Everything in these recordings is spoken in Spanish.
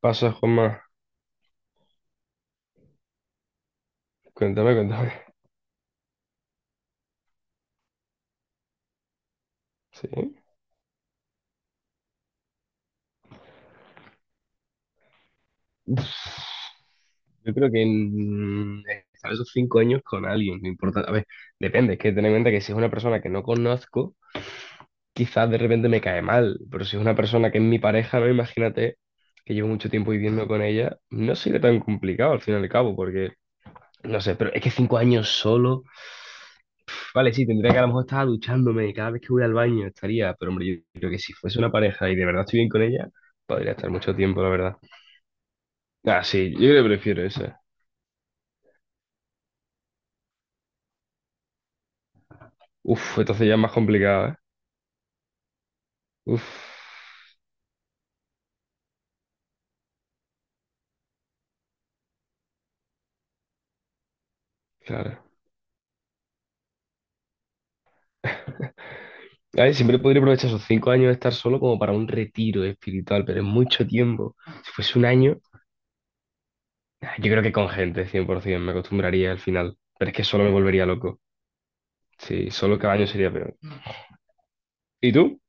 Pasa, Juanma. Cuéntame, cuéntame. Sí. Uf, yo creo que en estar esos 5 años con alguien, no importa. A ver, depende, es que ten en cuenta que si es una persona que no conozco, quizás de repente me cae mal, pero si es una persona que es mi pareja, no imagínate que llevo mucho tiempo viviendo con ella, no sería tan complicado al fin y al cabo, porque no sé, pero es que 5 años solo, vale, sí, tendría que a lo mejor estar duchándome cada vez que voy al baño, estaría, pero hombre, yo creo que si fuese una pareja y de verdad estoy bien con ella, podría estar mucho tiempo, la verdad. Ah, sí, yo creo que prefiero esa. Uf, entonces ya es más complicado, ¿eh? Uf, claro. Ay, siempre podría aprovechar esos 5 años de estar solo como para un retiro espiritual, pero es mucho tiempo. Si fuese un año, ah, yo creo que con gente, 100%, me acostumbraría al final. Pero es que solo me volvería loco. Sí, solo cada año sería peor. ¿Y tú?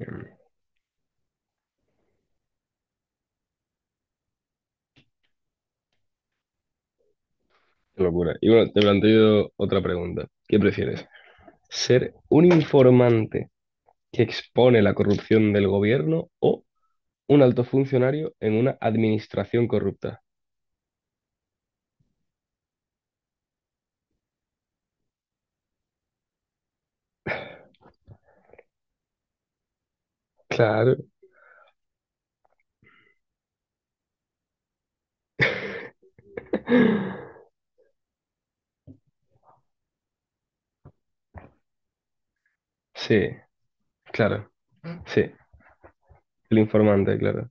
Mm. Qué locura. Y bueno, te planteo otra pregunta. ¿Qué prefieres? ¿Ser un informante que expone la corrupción del gobierno o un alto funcionario en una administración corrupta? Claro. Sí, claro. Sí, el informante, claro.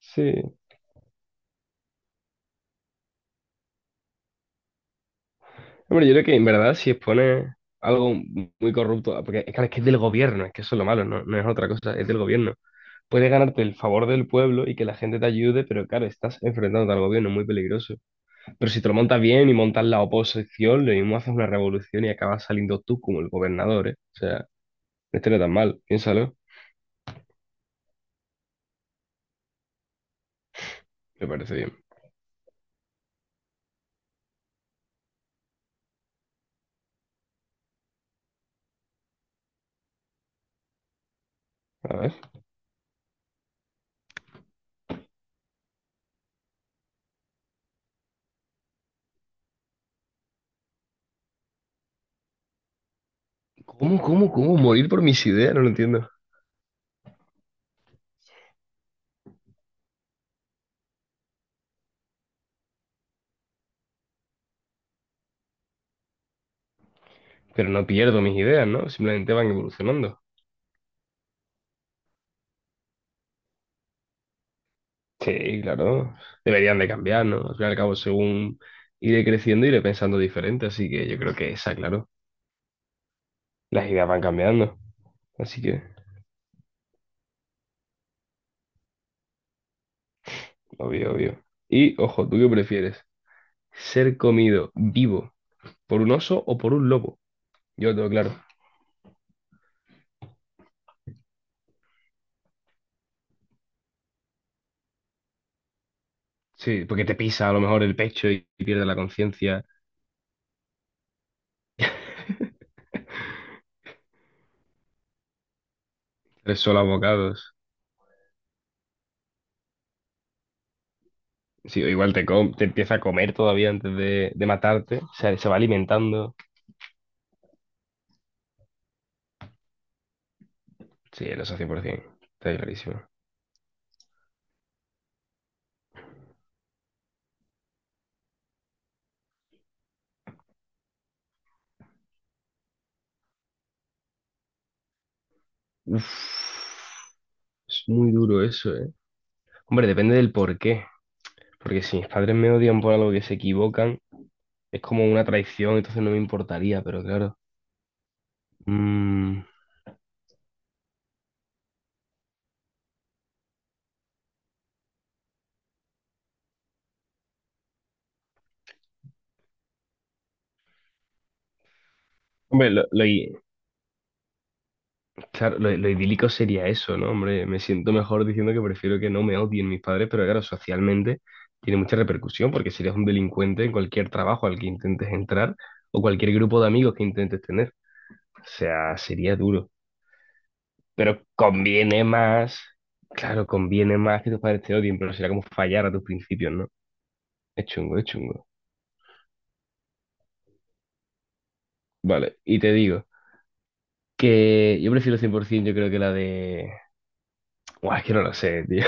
Sí. Hombre, yo creo que en verdad si expone algo muy corrupto, porque claro, es que es del gobierno, es que eso es lo malo, no, no es otra cosa, es del gobierno. Puedes ganarte el favor del pueblo y que la gente te ayude, pero claro, estás enfrentándote al gobierno, es muy peligroso. Pero si te lo montas bien y montas la oposición, lo mismo haces una revolución y acabas saliendo tú como el gobernador, ¿eh? O sea, no estaría tan mal, piénsalo, me parece bien. A ver. ¿Cómo, cómo, cómo? Morir por mis ideas, no lo entiendo. Pero no pierdo mis ideas, ¿no? Simplemente van evolucionando. Sí, claro. Deberían de cambiar, ¿no? Al fin y al cabo, según iré creciendo, iré pensando diferente. Así que yo creo que esa, claro. Las ideas van cambiando. Así que, obvio, obvio. Y, ojo, ¿tú qué prefieres? ¿Ser comido vivo por un oso o por un lobo? Yo lo tengo claro. Sí, porque te pisa a lo mejor el pecho y pierdes la conciencia. Tres solos bocados. Sí, o igual te, te empieza a comer todavía antes de, matarte. O sea, se va alimentando. Sí, eso 100%. Está clarísimo. Uf, es muy duro eso, ¿eh? Hombre, depende del por qué. Porque si mis padres me odian por algo que se equivocan, es como una traición, entonces no me importaría, pero claro. Mm. Hombre, claro, lo idílico sería eso, ¿no? Hombre, me siento mejor diciendo que prefiero que no me odien mis padres, pero claro, socialmente tiene mucha repercusión porque serías un delincuente en cualquier trabajo al que intentes entrar o cualquier grupo de amigos que intentes tener. O sea, sería duro. Pero conviene más, claro, conviene más que tus padres te odien, pero será como fallar a tus principios, ¿no? Es chungo, es chungo. Vale, y te digo que yo prefiero 100%, yo creo que la de... Buah, es que no lo sé, tío.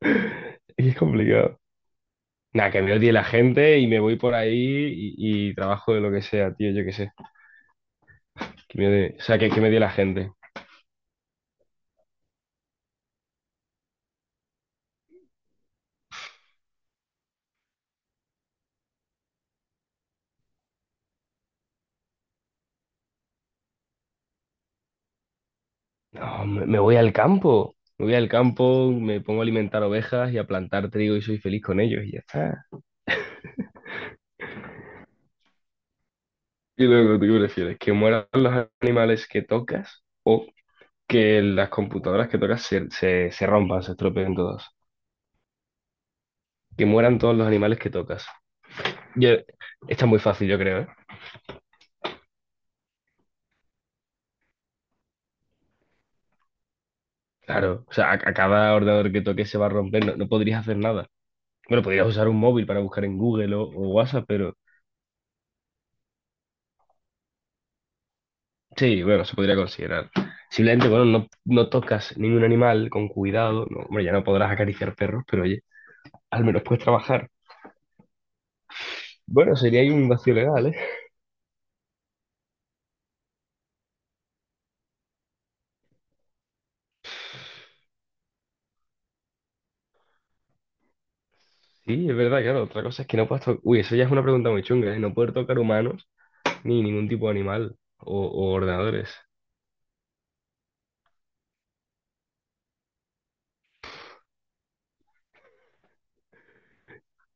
Es que es complicado. Nada, que me odie la gente y me voy por ahí y trabajo de lo que sea, tío, yo qué sé. Que me odie- o sea, que, me odie la gente. No, me voy al campo. Me voy al campo, me pongo a alimentar ovejas y a plantar trigo y soy feliz con ellos y ya está. Y luego, ¿tú qué prefieres? ¿Que mueran los animales que tocas o que las computadoras que tocas se rompan, se estropeen todas? Que mueran todos los animales que tocas. Yo, esta es muy fácil, yo creo, ¿eh? Claro, o sea, a cada ordenador que toques se va a romper, no podrías hacer nada. Bueno, podrías usar un móvil para buscar en Google o WhatsApp, pero sí, bueno, se podría considerar. Simplemente, bueno, no no tocas ningún animal con cuidado. No, hombre, ya no podrás acariciar perros, pero oye, al menos puedes trabajar. Bueno, sería ahí un vacío legal, ¿eh? Sí, es verdad, claro. Otra cosa es que no puedes tocar. Uy, eso ya es una pregunta muy chunga, ¿eh? No poder tocar humanos ni ningún tipo de animal o, ordenadores.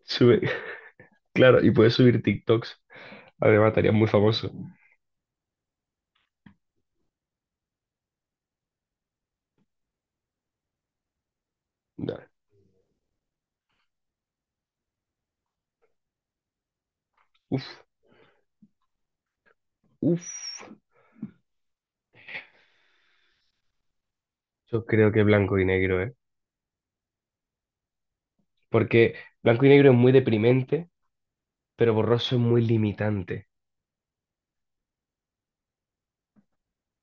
Sube, claro, y puedes subir TikToks. Además, estarías muy famoso. Dale. Uf, uf. Yo creo que blanco y negro, ¿eh? Porque blanco y negro es muy deprimente, pero borroso es muy limitante.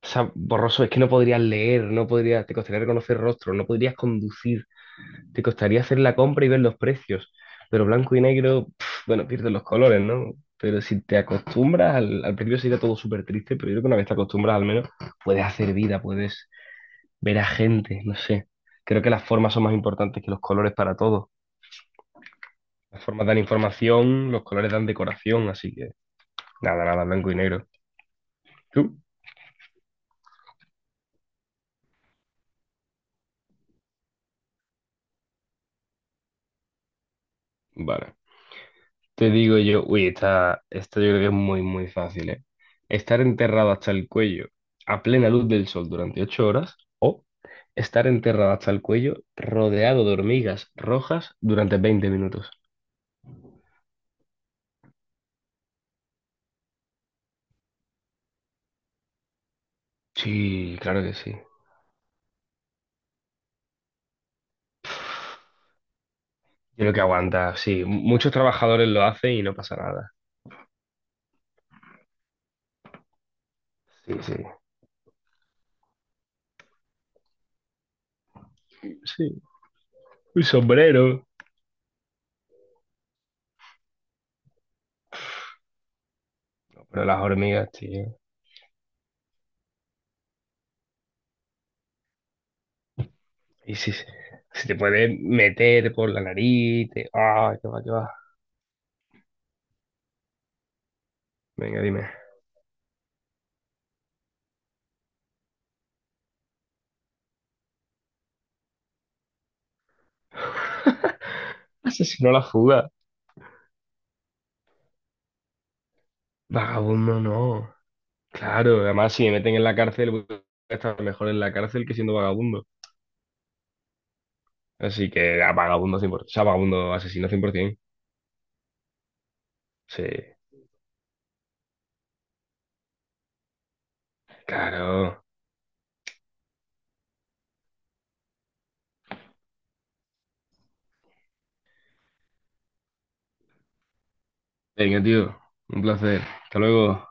O sea, borroso es que no podrías leer, no podrías, te costaría reconocer rostros, no podrías conducir, te costaría hacer la compra y ver los precios. Pero blanco y negro, pf, bueno, pierdes los colores, ¿no? Pero si te acostumbras, al principio sería todo súper triste, pero yo creo que una vez te acostumbras al menos, puedes hacer vida, puedes ver a gente, no sé. Creo que las formas son más importantes que los colores para todo. Las formas dan información, los colores dan decoración, así que nada, nada, blanco y negro. ¿Tú? Vale. Te digo yo, uy, esta yo creo que es muy, muy fácil, ¿eh? Estar enterrado hasta el cuello a plena luz del sol durante 8 horas o estar enterrado hasta el cuello rodeado de hormigas rojas durante 20 minutos. Sí, claro que sí. Yo creo que aguanta, sí. Muchos trabajadores lo hacen y no pasa nada. Sí, sí. Sí, un sombrero. Pero las hormigas, tío. Y si, te puedes meter por la nariz, te... ¡Ah, qué va, qué va! Venga, dime. Asesinó la fuga. Vagabundo no. Claro, además si me meten en la cárcel, voy a estar mejor en la cárcel que siendo vagabundo. Así que a vagabundo 100%. O sea, vagabundo asesino 100%. Sí, claro. Venga, tío. Un placer. Hasta luego.